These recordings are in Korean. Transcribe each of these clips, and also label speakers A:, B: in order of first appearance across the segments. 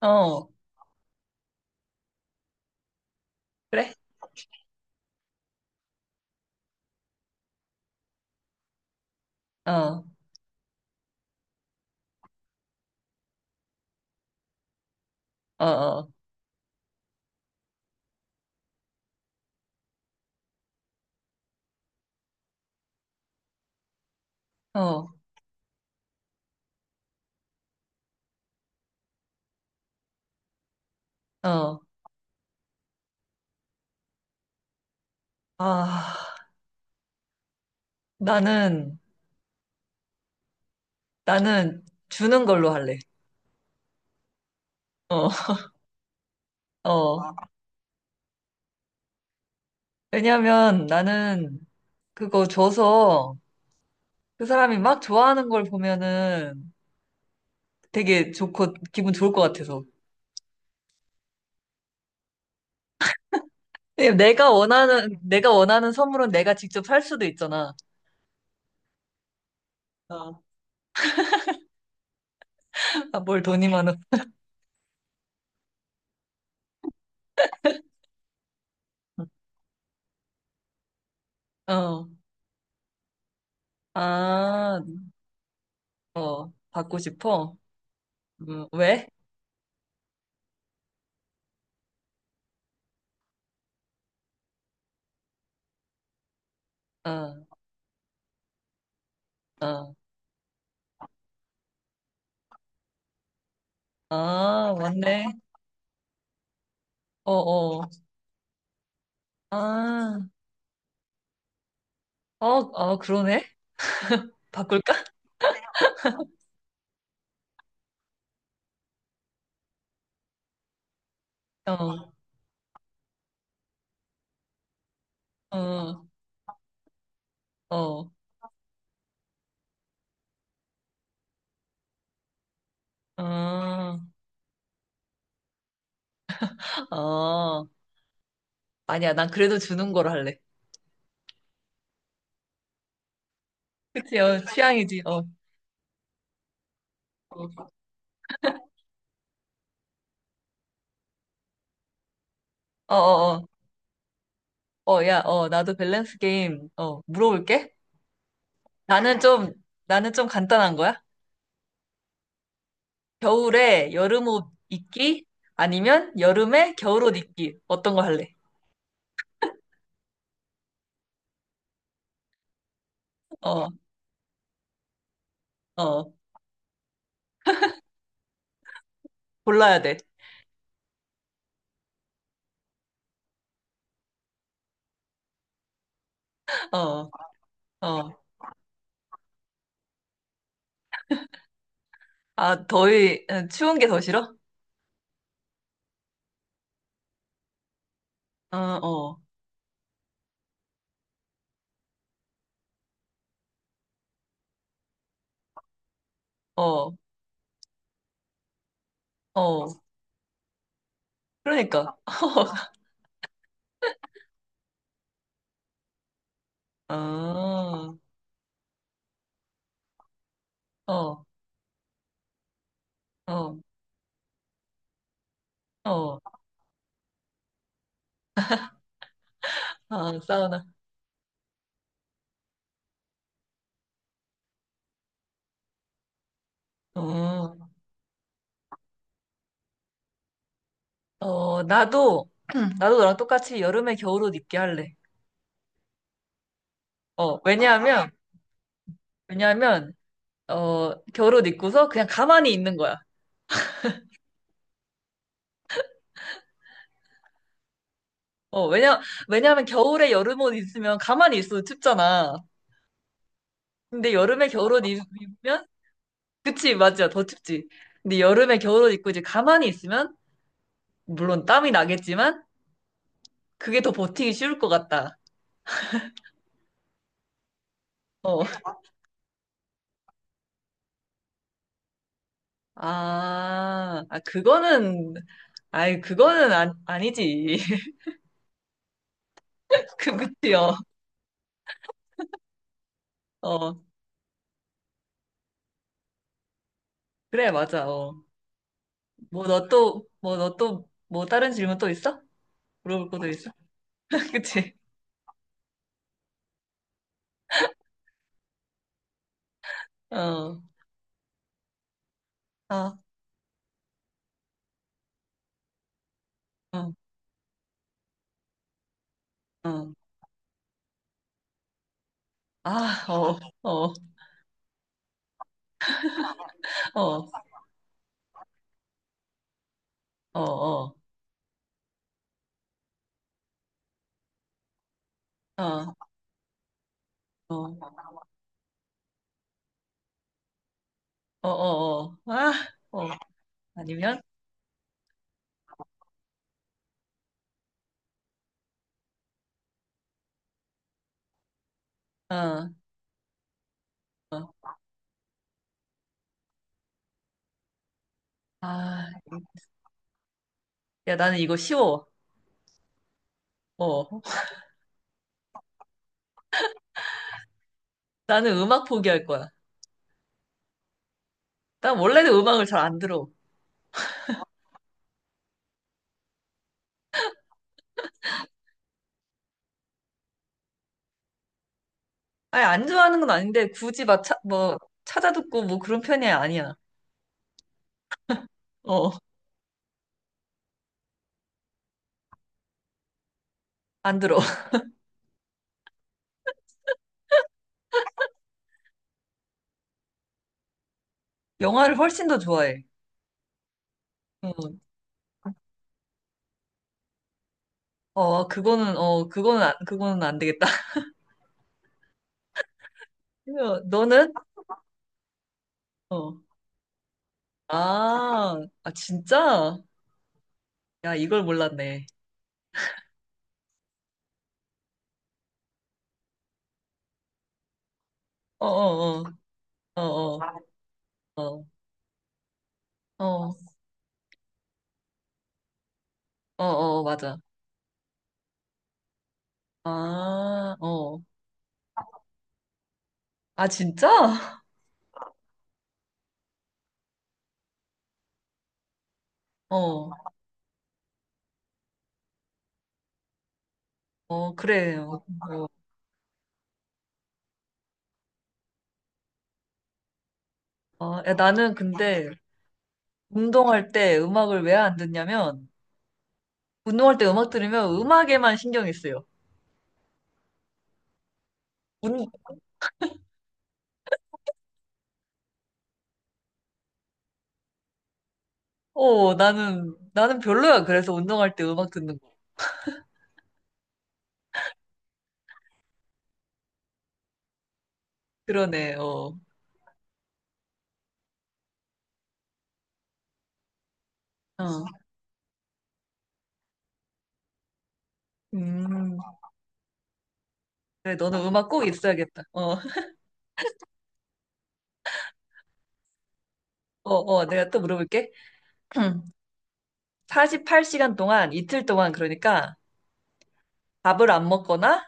A: 어, 그래? 어, 어, 어, 어, 어. 아, 나는, 나는 주는 걸로 할래. 어, 어. 왜냐면 나는 그거 줘서 그 사람이 막 좋아하는 걸 보면은 되게 좋고 기분 좋을 것 같아서. 왜냐면 내가 원하는 선물은 내가 직접 살 수도 있잖아. 어, 아, 뭘 돈이 많아. 어, 아, 어, 받고 싶어? 왜? 어, 어, 아, 맞네. 어, 어. 아, 어, 어, 그러네? 바꿀까? 어, 어, 어, 어, 어. 아니야, 난 그래도 주는 걸 할래. 그치, 어, 취향이지. 어, 어, 어, 어, 어, 야, 어, 나도 밸런스 게임, 어, 물어볼게. 나는 좀, 나는 좀 간단한 거야. 겨울에 여름옷 입기? 아니면 여름에 겨울옷 입기? 어떤 거 할래? 어, 어, 골라야 돼. 어, 어. 아, 더위, 어, 추운 게 더 싫어? 어, 어. 어, 어. 그러니까. 아, 아, 어, 어, 어. 아, 사우나. 어, 어, 나도, 나도 너랑 똑같이 여름에 겨울옷 입게 할래. 어, 왜냐하면, 어, 겨울옷 입고서 그냥 가만히 있는 거야. 어, 왜냐하면 겨울에 여름옷 있으면 가만히 있어도 춥잖아. 근데 여름에 겨울옷 입으면, 그치, 맞아, 더 춥지. 근데 여름에 겨울옷 입고 이제 가만히 있으면, 물론 땀이 나겠지만, 그게 더 버티기 쉬울 것 같다. 어, 아, 아, 그거는, 아이, 그거는 아, 아니지. 그치요. 어, 그래, 맞아. 어. 뭐, 너 또, 뭐, 너 또, 뭐, 다른 질문 또 있어? 물어볼 것도 있어? 그치? 어, 아, 어, 어. 아, 어, 어, 어, 어, 어, 어, 어, 어, 어, 어. 아, 어. 아니면, 어, 아, 야, 나는 이거 쉬워. 어, 나는 음악 포기할 거야. 난 원래는 음악을 잘 안 들어. 아니, 안 좋아하는 건 아닌데, 굳이 막, 차, 뭐, 찾아듣고 뭐 그런 편이 아니야. 어, 안 들어. 영화를 훨씬 더 좋아해. 어, 그거는 안 되겠다. 그래서 너는? 어. 아, 아, 진짜? 야, 이걸 몰랐네. 어, 어, 어, 어, 어, 어, 어, 어, 어, 맞아. 아, 어. 아, 진짜? 어, 어, 그래요. 어, 야, 나는 근데 운동할 때 음악을 왜 안 듣냐면, 운동할 때 음악 들으면 음악에만 신경이 쓰여. 운, 어, 나는 별로야. 그래서 운동할 때 음악 듣는 거. 그러네, 어. 어. 음. 그래, 너는 음악 꼭 있어야겠다. 어, 어, 어, 내가 또 물어볼게. 48시간 동안, 이틀 동안, 그러니까 밥을 안 먹거나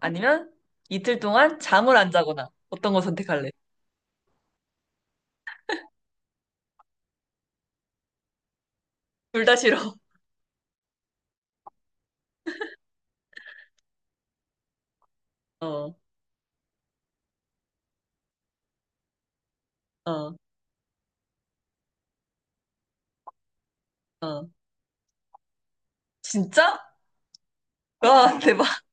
A: 아니면 이틀 동안 잠을 안 자거나 어떤 거 선택할래? 둘 다 싫어. 어, 어, 어. 진짜? 와, 대박.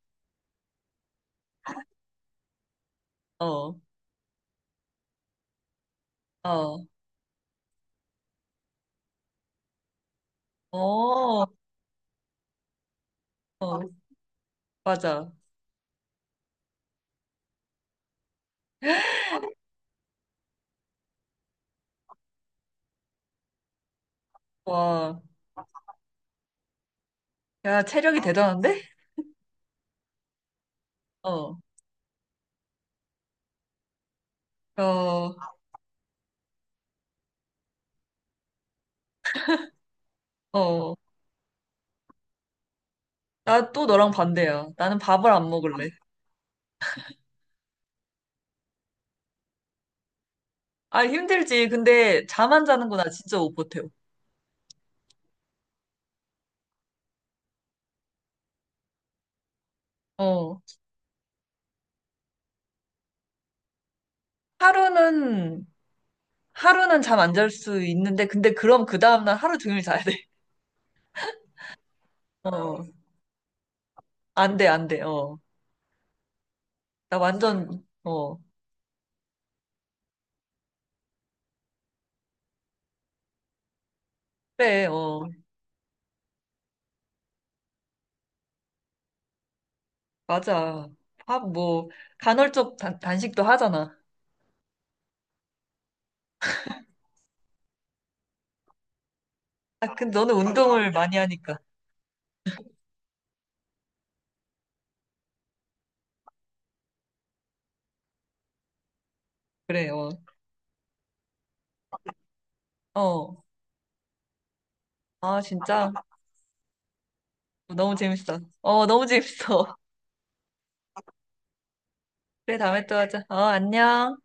A: 어, 어, 어, 어, 맞아. 와. 야, 체력이 대단한데? 어, 어, 어. 나 또 너랑 반대야. 나는 밥을 안 먹을래. 아, 힘들지. 근데 잠 안 자는 거 나 진짜 못 버텨. 어. 하루는, 하루는 잠 안 잘 수 있는데, 근데 그럼 그 다음날 하루 종일 자야 돼. 어. 안 돼, 안 돼. 어. 나 완전, 어. 그래, 어. 맞아. 밥 뭐, 간헐적 단식도 하잖아. 아, 근데 너는 운동을 많이 하니까. 그래, 어. 어. 아, 진짜. 너무 재밌어. 어, 너무 재밌어. 그래, 다음에 또 하자. 어, 안녕.